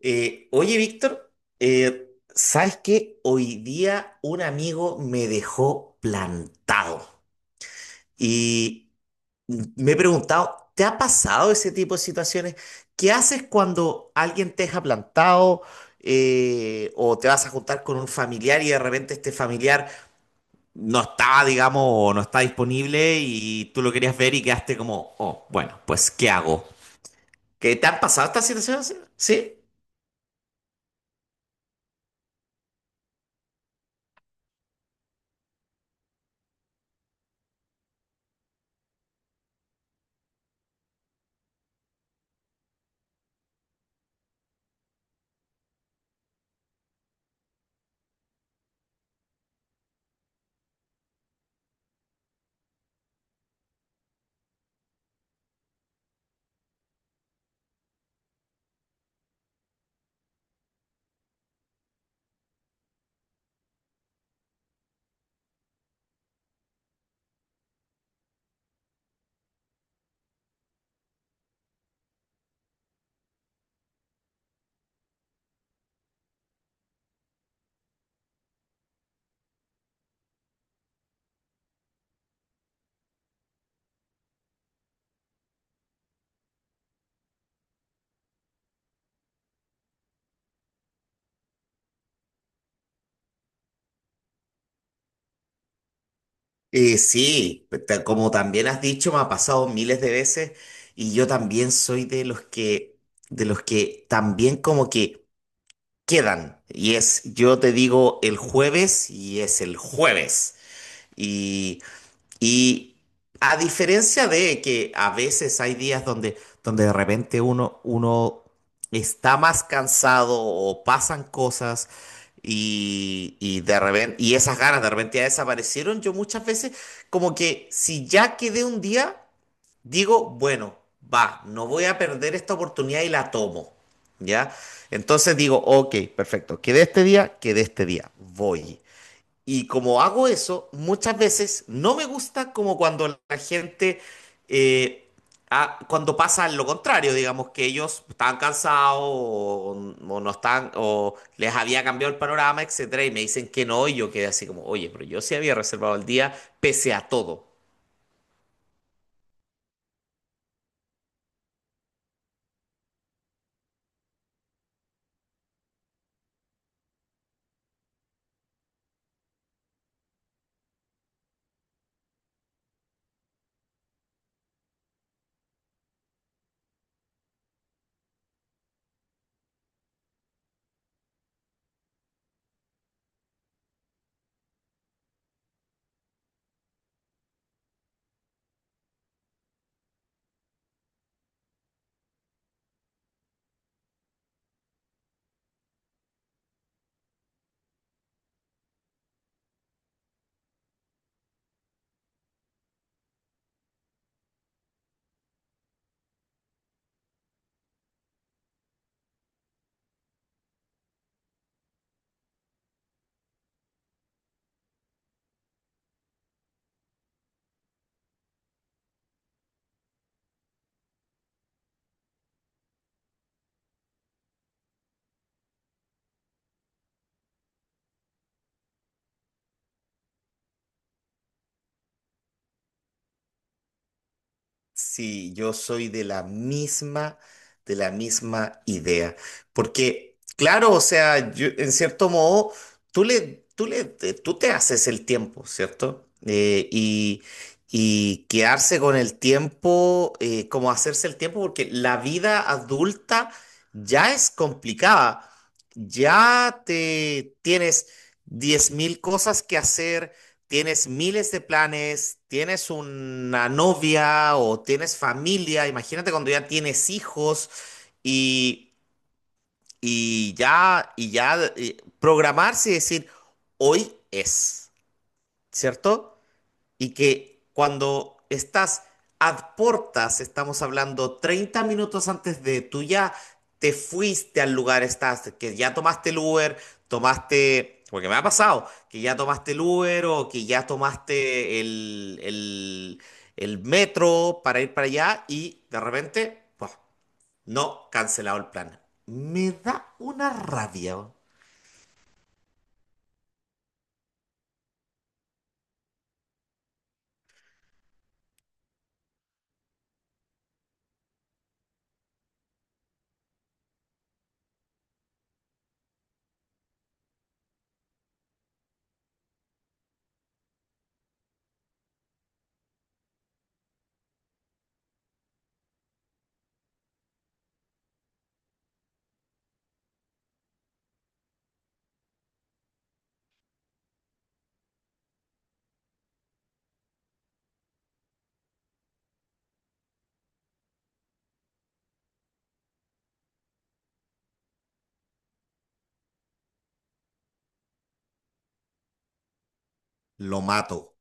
Oye, Víctor, ¿sabes qué? Hoy día un amigo me dejó plantado y me he preguntado, ¿te ha pasado ese tipo de situaciones? ¿Qué haces cuando alguien te deja plantado o te vas a juntar con un familiar y de repente este familiar no está, digamos, o no está disponible y tú lo querías ver y quedaste como, oh, bueno, pues ¿qué hago? ¿Qué te han pasado estas situaciones? ¿Sí? Sí, como también has dicho, me ha pasado miles de veces y yo también soy de los que también como que quedan. Y es, yo te digo el jueves y es el jueves. Y a diferencia de que a veces hay días donde de repente uno está más cansado o pasan cosas y de repente, y esas ganas de repente ya desaparecieron, yo muchas veces como que si ya quedé un día, digo, bueno, va, no voy a perder esta oportunidad y la tomo. ¿Ya? Entonces digo, ok, perfecto, quedé este día, voy. Y como hago eso, muchas veces no me gusta como cuando la gente, eh, cuando pasa lo contrario, digamos que ellos estaban cansados o no están, o les había cambiado el panorama, etcétera, y me dicen que no, y yo quedé así como, oye, pero yo sí había reservado el día pese a todo. Sí, yo soy de la misma idea. Porque, claro, o sea, en cierto modo, tú te haces el tiempo, ¿cierto? Y quedarse con el tiempo, como hacerse el tiempo, porque la vida adulta ya es complicada. Ya te tienes 10.000 cosas que hacer, tienes miles de planes, tienes una novia o tienes familia, imagínate cuando ya tienes hijos y, programarse y decir, hoy es, ¿cierto? Y que cuando estás a portas, estamos hablando 30 minutos antes de tú ya te fuiste al lugar, estás, que ya tomaste el Uber, tomaste, porque me ha pasado, que ya tomaste el Uber o que ya tomaste el metro para ir para allá y de repente, pues, no, cancelado el plan. Me da una rabia, lo mato.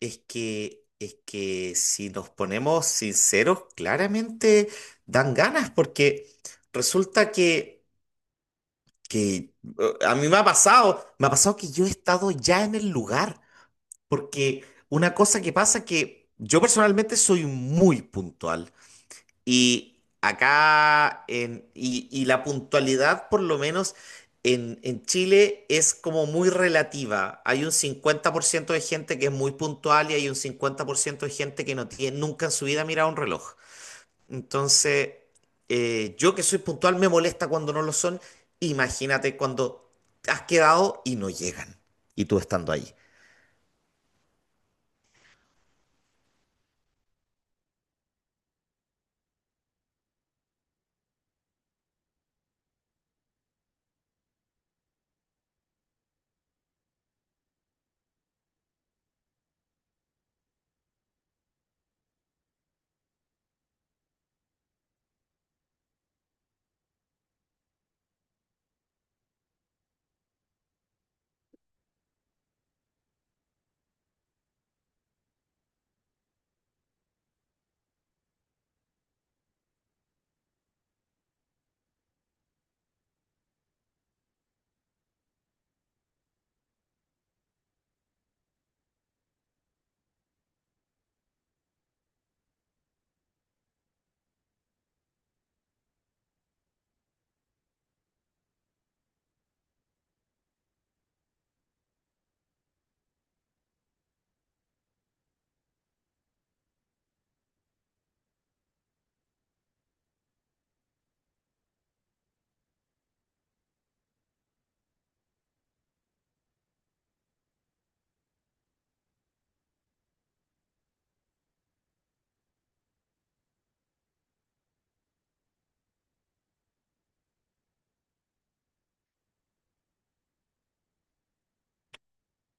Es que, si nos ponemos sinceros, claramente dan ganas, porque resulta que a mí me ha pasado que yo he estado ya en el lugar, porque una cosa que pasa que yo personalmente soy muy puntual. Y acá, en, y la puntualidad, por lo menos en Chile, es como muy relativa. Hay un 50% de gente que es muy puntual y hay un 50% de gente que no tiene, nunca en su vida ha mirado un reloj. Entonces, yo que soy puntual me molesta cuando no lo son. Imagínate cuando has quedado y no llegan. Y tú estando ahí.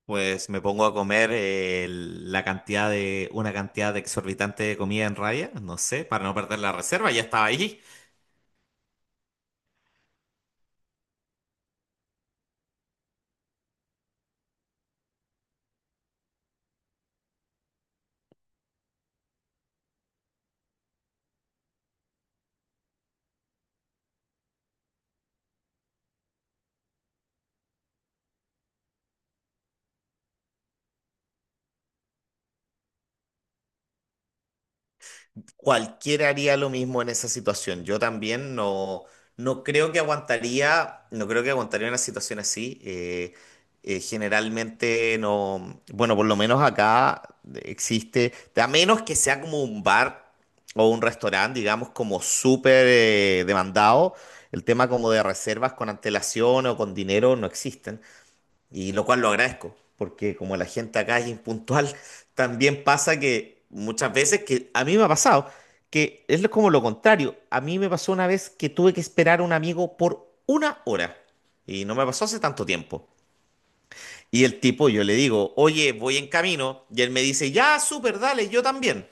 Pues me pongo a comer una cantidad de exorbitante de comida en raya, no sé, para no perder la reserva, ya estaba ahí. Cualquiera haría lo mismo en esa situación. Yo también no, no creo que aguantaría una situación así. Generalmente no, bueno, por lo menos acá existe, a menos que sea como un bar o un restaurante, digamos, como súper demandado, el tema como de reservas con antelación o con dinero no existen. Y lo cual lo agradezco, porque como la gente acá es impuntual, también pasa que muchas veces, que a mí me ha pasado, que es como lo contrario. A mí me pasó una vez que tuve que esperar a un amigo por una hora. Y no me pasó hace tanto tiempo. Y el tipo, yo le digo, oye, voy en camino. Y él me dice, ya, súper, dale, yo también.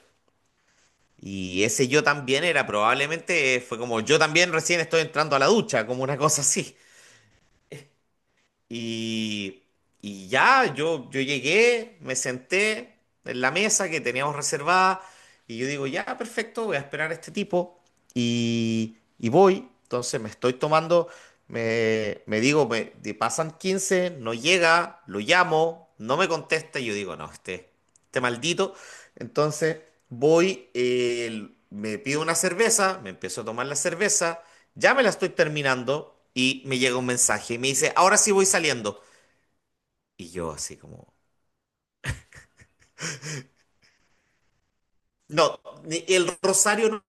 Y ese yo también era probablemente, fue como, yo también recién estoy entrando a la ducha, como una cosa así. Y, y ya, yo llegué, me senté en la mesa que teníamos reservada y yo digo, ya, perfecto, voy a esperar a este tipo y voy. Entonces me estoy tomando, me digo, me, de- pasan 15, no llega, lo llamo, no me contesta y yo digo, no, este maldito. Entonces voy, me pido una cerveza, me empiezo a tomar la cerveza. Ya me la estoy terminando y me llega un mensaje y me dice, ahora sí voy saliendo. Y yo así como, no, el rosario no.